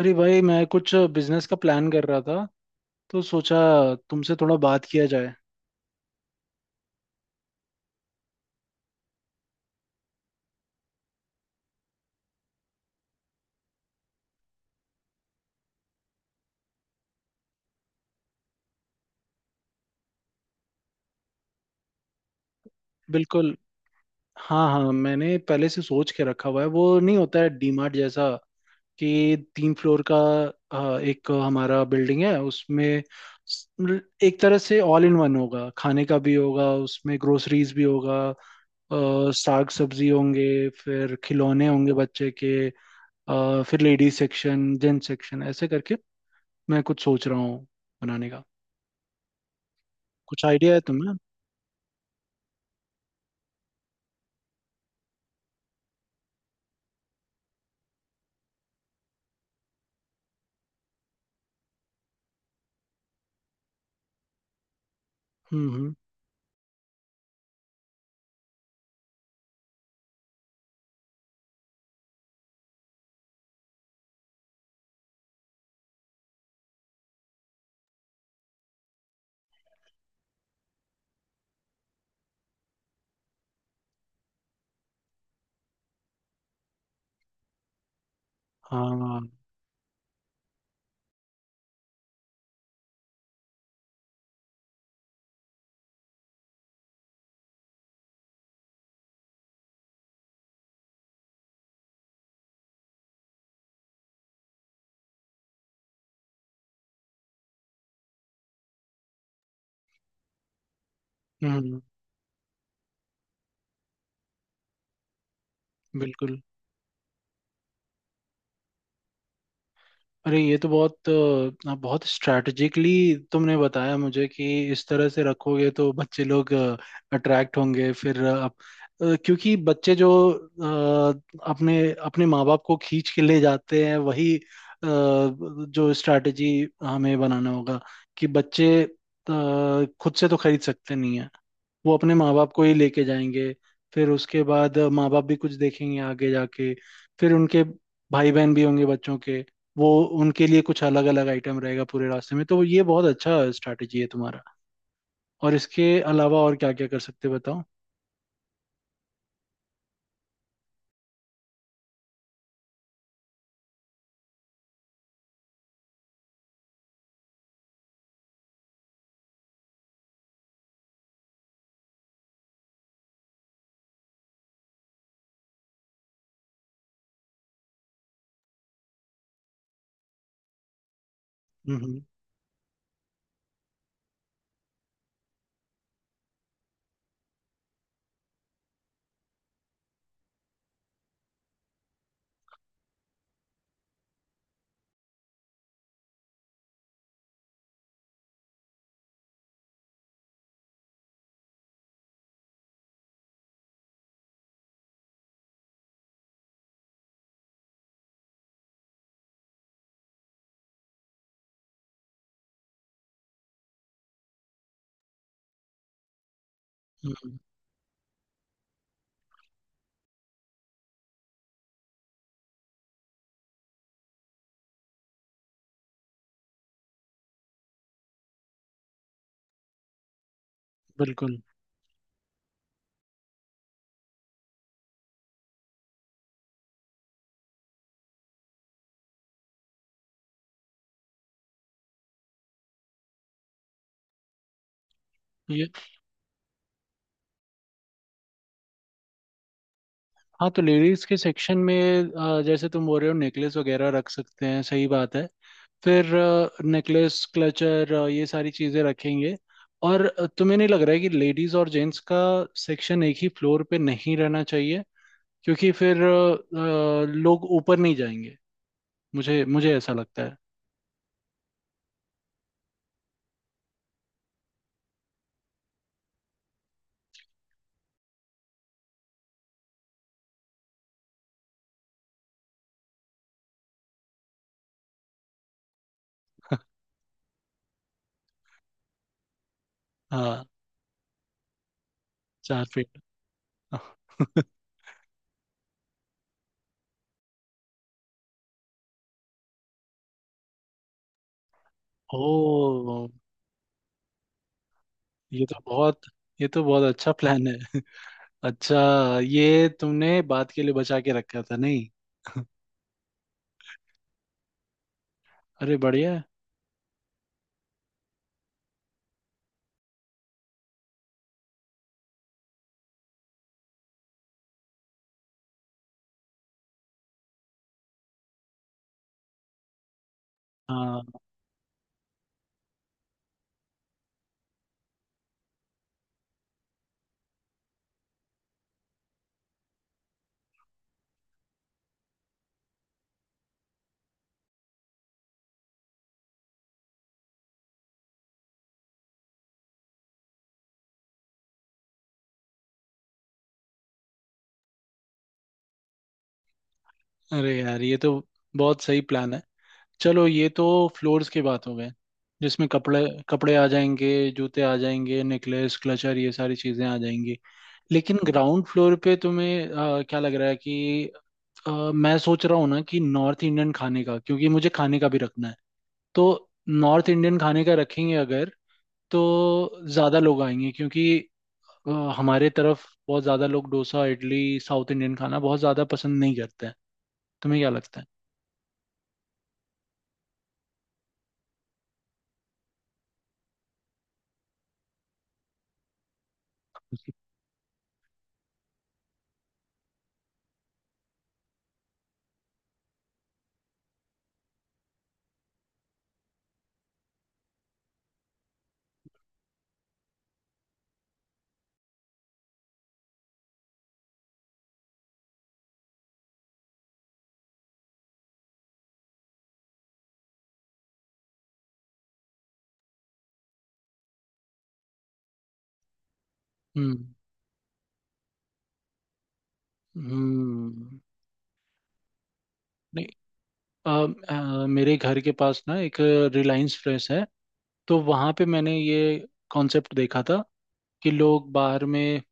अरे भाई, मैं कुछ बिजनेस का प्लान कर रहा था, तो सोचा तुमसे थोड़ा बात किया जाए। बिल्कुल। हाँ हाँ, मैंने पहले से सोच के रखा हुआ है। वो नहीं होता है डीमार्ट जैसा, कि 3 फ्लोर का। एक हमारा बिल्डिंग है उसमें। मतलब एक तरह से ऑल इन वन होगा, खाने का भी होगा उसमें, ग्रोसरीज भी होगा। साग सब्जी होंगे, फिर खिलौने होंगे बच्चे के। फिर लेडीज सेक्शन, जेंट्स सेक्शन, ऐसे करके मैं कुछ सोच रहा हूँ बनाने का। कुछ आइडिया है तुम्हें? हम्म। हाँ। हम्म हम्म, बिल्कुल। अरे ये तो बहुत बहुत स्ट्रैटेजिकली तुमने बताया मुझे, कि इस तरह से रखोगे तो बच्चे लोग अट्रैक्ट होंगे। फिर क्योंकि बच्चे जो अपने अपने माँ बाप को खींच के ले जाते हैं, वही जो स्ट्रैटेजी हमें बनाना होगा, कि बच्चे खुद से तो खरीद सकते नहीं है। वो अपने माँ बाप को ही लेके जाएंगे, फिर उसके बाद माँ बाप भी कुछ देखेंगे आगे जाके। फिर उनके भाई बहन भी होंगे बच्चों के, वो उनके लिए कुछ अलग अलग आइटम रहेगा पूरे रास्ते में, तो ये बहुत अच्छा स्ट्रैटेजी है तुम्हारा। और इसके अलावा और क्या क्या कर सकते हैं बताओ? हम्म। हम्म, बिल्कुल। ये हाँ, तो लेडीज के सेक्शन में जैसे तुम बोल रहे हो, नेकलेस वगैरह रख सकते हैं, सही बात है। फिर नेकलेस, क्लचर, ये सारी चीजें रखेंगे। और तुम्हें नहीं लग रहा है कि लेडीज और जेंट्स का सेक्शन एक ही फ्लोर पे नहीं रहना चाहिए, क्योंकि फिर लोग ऊपर नहीं जाएंगे। मुझे मुझे ऐसा लगता है। हाँ। 4 फीट। ओ, ये तो बहुत अच्छा प्लान है। अच्छा, ये तुमने बात के लिए बचा के रखा था, नहीं? अरे बढ़िया है। हाँ। अरे यार, ये तो बहुत सही प्लान है। चलो, ये तो फ्लोर्स की बात हो गए, जिसमें कपड़े कपड़े आ जाएंगे, जूते आ जाएंगे, नेकलेस, क्लचर, ये सारी चीजें आ जाएंगी। लेकिन ग्राउंड फ्लोर पे तुम्हें क्या लग रहा है कि मैं सोच रहा हूँ ना, कि नॉर्थ इंडियन खाने का, क्योंकि मुझे खाने का भी रखना है। तो नॉर्थ इंडियन खाने का रखेंगे अगर, तो ज्यादा लोग आएंगे, क्योंकि अ, हमारे तरफ बहुत ज्यादा लोग डोसा, इडली, साउथ इंडियन खाना बहुत ज्यादा पसंद नहीं करते हैं। तुम्हें क्या लगता है? हम्म हम्म। अ, मेरे घर के पास ना, एक रिलायंस फ्रेश है। तो वहाँ पे मैंने ये कॉन्सेप्ट देखा था कि लोग बाहर में,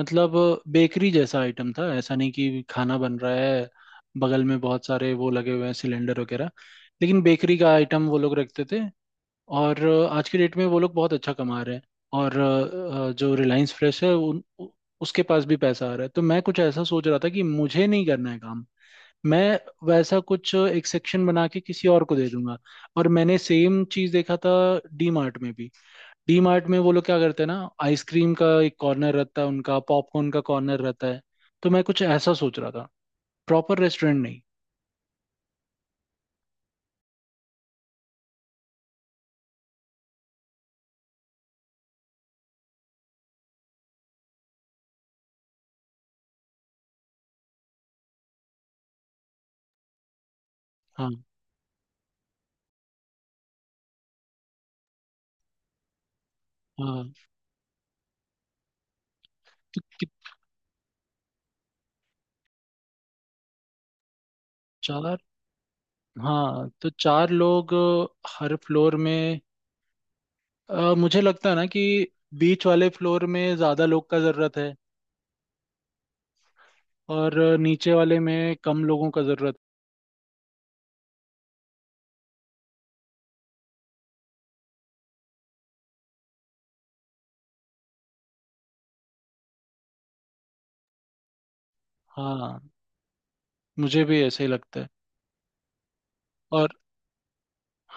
मतलब बेकरी जैसा आइटम था, ऐसा नहीं कि खाना बन रहा है। बगल में बहुत सारे वो लगे हुए हैं, सिलेंडर वगैरह, लेकिन बेकरी का आइटम वो लोग रखते थे। और आज की डेट में वो लोग बहुत अच्छा कमा रहे हैं। और जो रिलायंस फ्रेश है, उसके पास भी पैसा आ रहा है। तो मैं कुछ ऐसा सोच रहा था कि मुझे नहीं करना है काम। मैं वैसा कुछ एक सेक्शन बना के किसी और को दे दूंगा। और मैंने सेम चीज देखा था डी मार्ट में भी। डी मार्ट में वो लोग क्या करते हैं ना, आइसक्रीम का एक कॉर्नर रहता है उनका, पॉपकॉर्न का कॉर्नर रहता है। तो मैं कुछ ऐसा सोच रहा था, प्रॉपर रेस्टोरेंट नहीं। हाँ। हाँ, तो कि- चार। हाँ, तो चार लोग हर फ्लोर में। मुझे लगता है ना, कि बीच वाले फ्लोर में ज्यादा लोग का जरूरत है, और नीचे वाले में कम लोगों का जरूरत है। हाँ, मुझे भी ऐसे ही लगता है। और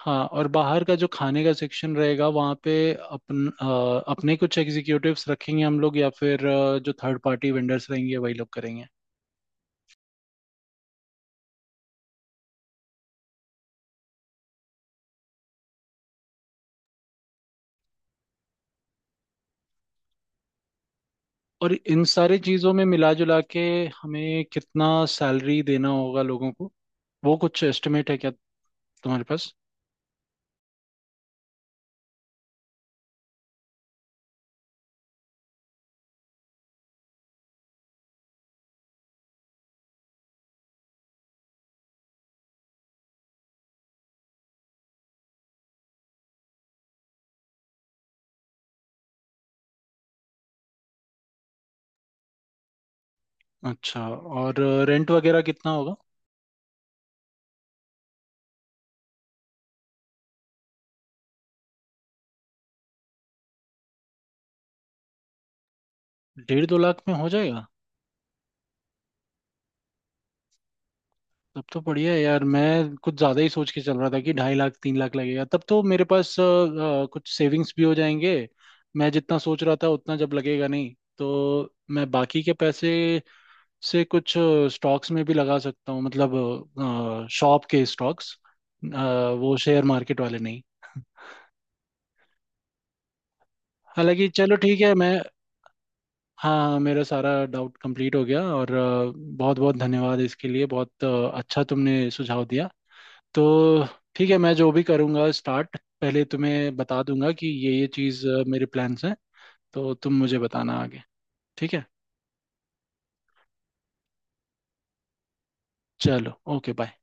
हाँ, और बाहर का जो खाने का सेक्शन रहेगा, वहाँ पे अपने कुछ एग्जीक्यूटिव्स रखेंगे हम लोग, या फिर जो थर्ड पार्टी वेंडर्स रहेंगे, वही लोग करेंगे। और इन सारी चीज़ों में मिला जुला के हमें कितना सैलरी देना होगा लोगों को, वो कुछ एस्टिमेट है क्या तुम्हारे पास? अच्छा, और रेंट वगैरह कितना होगा? 1.5-2 लाख में हो जाएगा? तब तो बढ़िया है यार, मैं कुछ ज्यादा ही सोच के चल रहा था कि 2.5 लाख, 3 लाख लगेगा, तब तो मेरे पास कुछ सेविंग्स भी हो जाएंगे। मैं जितना सोच रहा था उतना जब लगेगा नहीं, तो मैं बाकी के पैसे से कुछ स्टॉक्स में भी लगा सकता हूँ, मतलब शॉप के स्टॉक्स, वो शेयर मार्केट वाले नहीं। हालांकि चलो, ठीक है मैं। हाँ हाँ, मेरा सारा डाउट कंप्लीट हो गया, और बहुत बहुत धन्यवाद इसके लिए, बहुत अच्छा तुमने सुझाव दिया। तो ठीक है, मैं जो भी करूँगा स्टार्ट, पहले तुम्हें बता दूंगा कि ये चीज़ मेरे प्लान्स हैं। तो तुम मुझे बताना आगे, ठीक है, चलो ओके बाय।